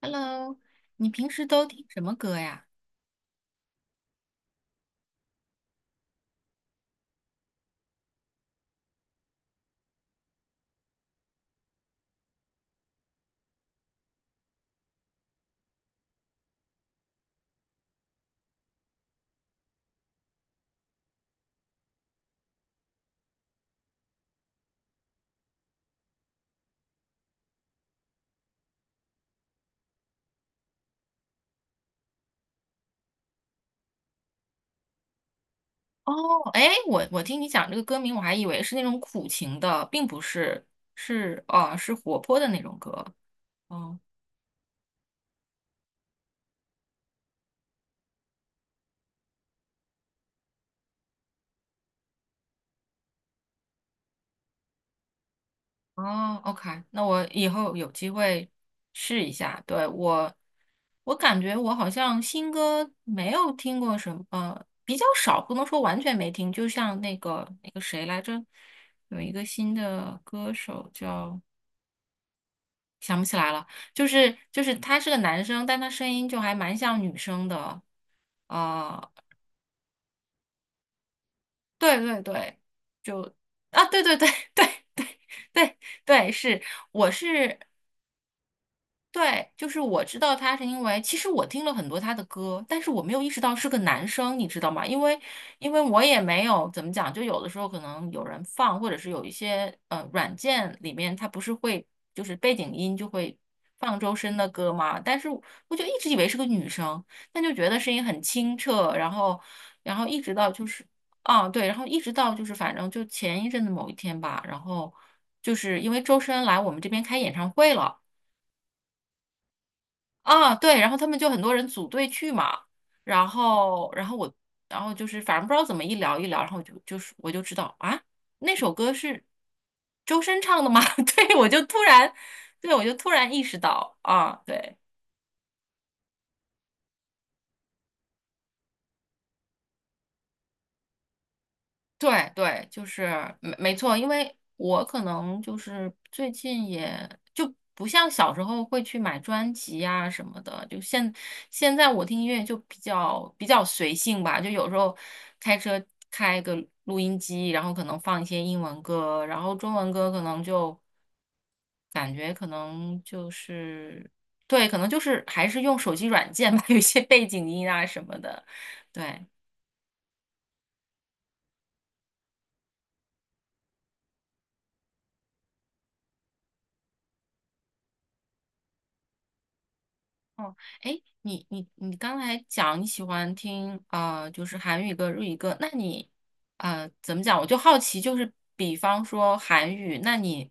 Hello，你平时都听什么歌呀？哦，哎，我听你讲这个歌名，我还以为是那种苦情的，并不是，是哦，是活泼的那种歌。哦哦，OK，那我以后有机会试一下。对，我，我感觉我好像新歌没有听过什么，比较少，不能说完全没听。就像那个谁来着，有一个新的歌手叫。想不起来了，就是他是个男生，但他声音就还蛮像女生的，呃，对对对，啊，对对对 对对对对，是，我是对，就是我知道他是因为，其实我听了很多他的歌，但是我没有意识到是个男生，你知道吗？因为，因为我也没有怎么讲，就有的时候可能有人放，或者是有一些软件里面他不是会就是背景音就会放周深的歌吗？但是我就一直以为是个女生，但就觉得声音很清澈，然后，然后一直到就是啊对，然后一直到就是反正就前一阵子某一天吧，然后就是因为周深来我们这边开演唱会了。啊，对，然后他们就很多人组队去嘛，然后，然后我，然后就是反正不知道怎么一聊一聊，然后就是我就知道啊，那首歌是周深唱的吗？对，我就突然，对，我就突然意识到啊，对。对对，就是没错，因为我可能就是最近也就不像小时候会去买专辑啊什么的，就现在我听音乐就比较随性吧，就有时候开车开个录音机，然后可能放一些英文歌，然后中文歌可能就感觉可能就是对，可能就是还是用手机软件吧，有一些背景音啊什么的，对。哦，哎，你刚才讲你喜欢听就是韩语歌、日语歌，那你怎么讲？我就好奇，就是比方说韩语，那你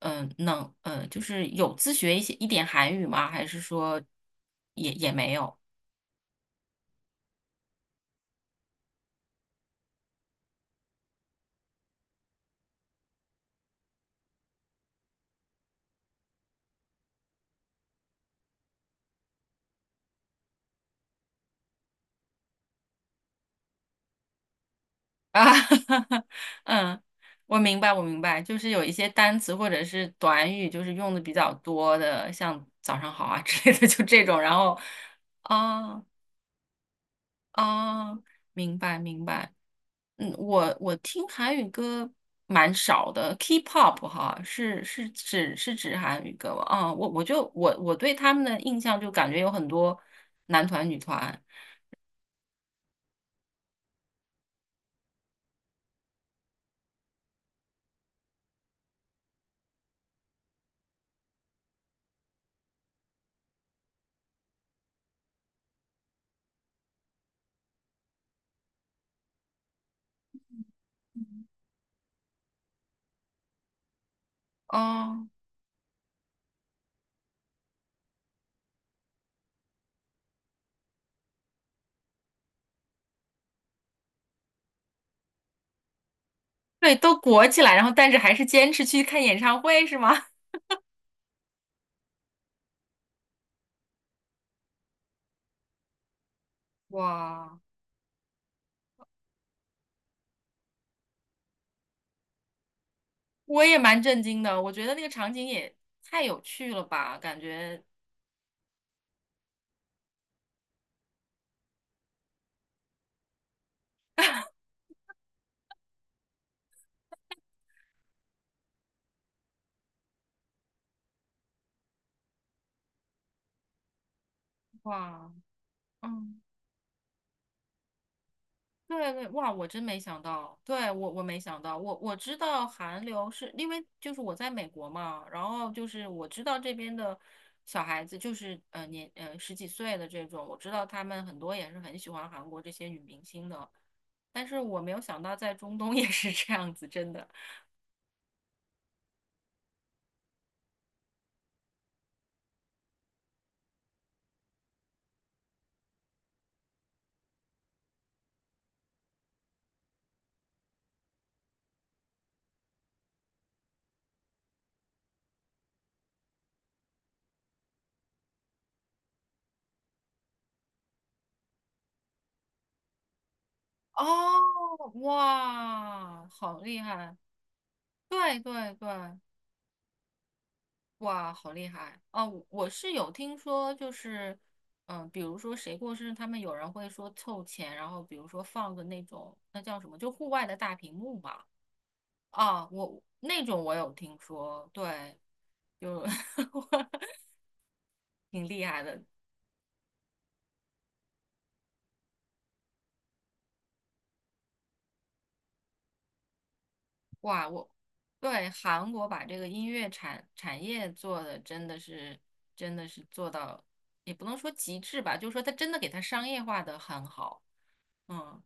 嗯、呃能呃就是有自学一点韩语吗？还是说也没有啊？嗯，我明白，我明白，就是有一些单词或者是短语，就是用的比较多的，像早上好啊之类的，就这种，然后啊啊，明白明白。嗯，我听韩语歌蛮少的，K-pop 哈，是是指是指韩语歌吗？啊，我我就我我对他们的印象就感觉有很多男团女团，哦，对，都裹起来，然后但是还是坚持去看演唱会是吗？哇，我也蛮震惊的，我觉得那个场景也太有趣了吧，感觉哇，嗯。对对，哇，我真没想到，对，我没想到，我知道韩流是因为就是我在美国嘛，然后就是我知道这边的小孩子就是呃年呃十几岁的这种，我知道他们很多也是很喜欢韩国这些女明星的，但是我没有想到在中东 也是这样子，真的。哦，哇，好厉害！对对对，哇，好厉害！哦，我是有听说，就是，嗯、比如说谁过生日，他们有人会说凑钱，然后比如说放个那种，那叫什么，就户外的大屏幕嘛。啊，我那种我有听说，对，就 挺厉害的。哇，我对韩国把这个音乐产业做的真的是做到，也不能说极致吧，就是说它真的给它商业化的很好。嗯。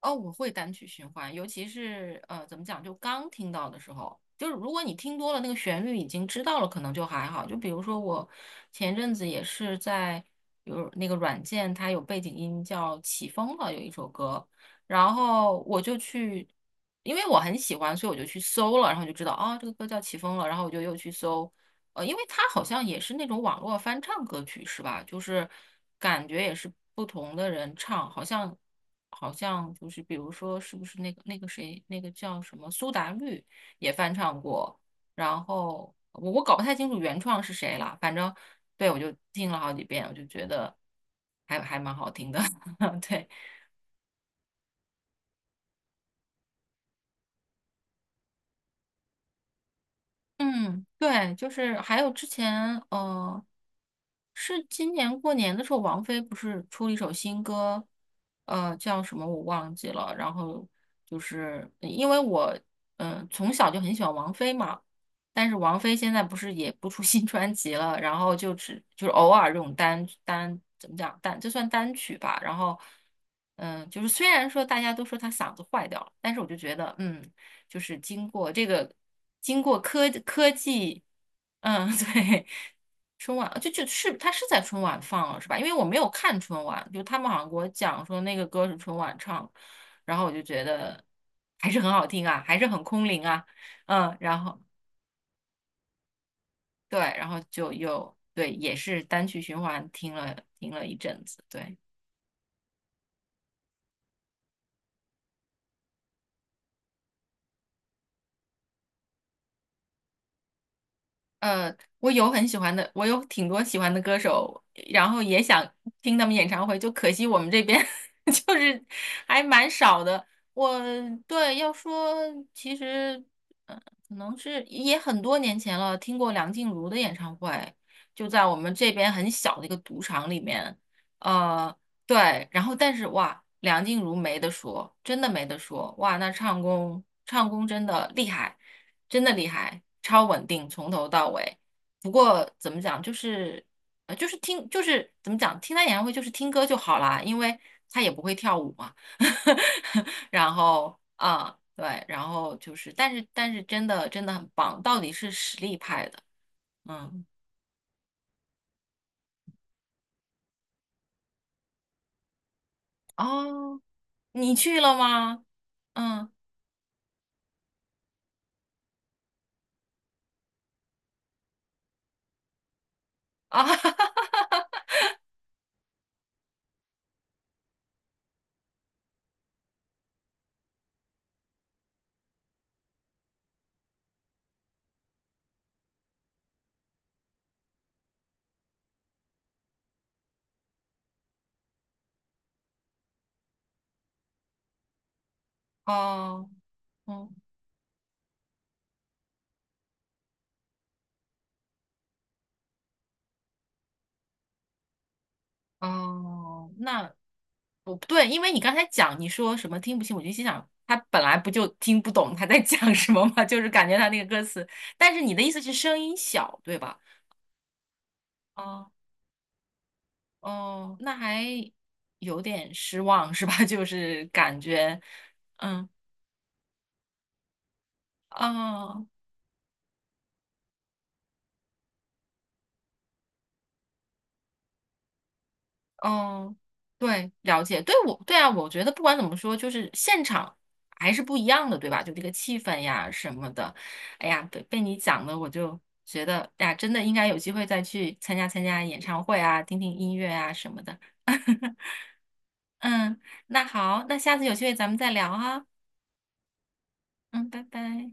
哦，我会单曲循环，尤其是怎么讲，就刚听到的时候，就是如果你听多了那个旋律已经知道了，可能就还好。就比如说我前阵子也是在有那个软件，它有背景音叫《起风了》，有一首歌，然后我就去，因为我很喜欢，所以我就去搜了，然后就知道啊，这个歌叫《起风了》，然后我就又去搜，因为它好像也是那种网络翻唱歌曲是吧？就是感觉也是不同的人唱，好像就是比如说是不是那个谁那个叫什么苏打绿也翻唱过，然后我搞不太清楚原创是谁了，反正对我就听了好几遍，我就觉得还蛮好听的，对。嗯，对，就是还有之前，是今年过年的时候，王菲不是出了一首新歌，叫什么我忘记了。然后就是因为我，从小就很喜欢王菲嘛，但是王菲现在不是也不出 新专辑了，然后就是偶尔这种单单怎么讲单，就算单曲吧。然后，就是虽然说大家都说她嗓子坏掉了，但是我就觉得，嗯。就是经过这个，经过科技，嗯，对，春晚就是他是在春晚放了是吧？因为我没有看春晚，就他们好像给我讲说那个歌是春晚唱，然后我就觉得还是很好听啊，还是很空灵啊，嗯，然后对，然后就又对，也是单曲循环听了一阵子，对。我有很喜欢的，我有挺多喜欢的歌手，然后也想听他们演唱会，就可惜我们这边 就是还蛮少的。我对要说，其实呃，可能是也很多年前了，听过梁静茹的演唱会，就在我们这边很小的一个赌场里面。呃，对，然后但是哇，梁静茹没得说，真的没得说，哇，那唱功真的厉害。真的厉害，超稳定，从头到尾。不过怎么讲，就是就是听，就是怎么讲，听他演唱会就是听歌就好啦，因为他也不会跳舞嘛。然后啊，对，然后就是，但是真的很棒，到底是实力派的。嗯，哦，你去了吗？嗯啊，哦，嗯哦，那不对，因为你刚才讲你说什么听不清，我就心想他本来不就听不懂他在讲什么嘛，就是感觉他那个歌词。但是你的意思是声音小，对吧？哦哦，那还有点失望是吧？就是感觉，嗯哦嗯，对，了解，对我，对啊，我觉得不管怎么说，就是现场还是不一样的，对吧？就这个气氛呀什么的，哎呀，被你讲的，我就觉得，哎呀，真的应该有机会再去参加参加演唱会啊，听听音乐啊什么的。嗯，那好，那下次有机会咱们再聊哈。嗯，拜拜。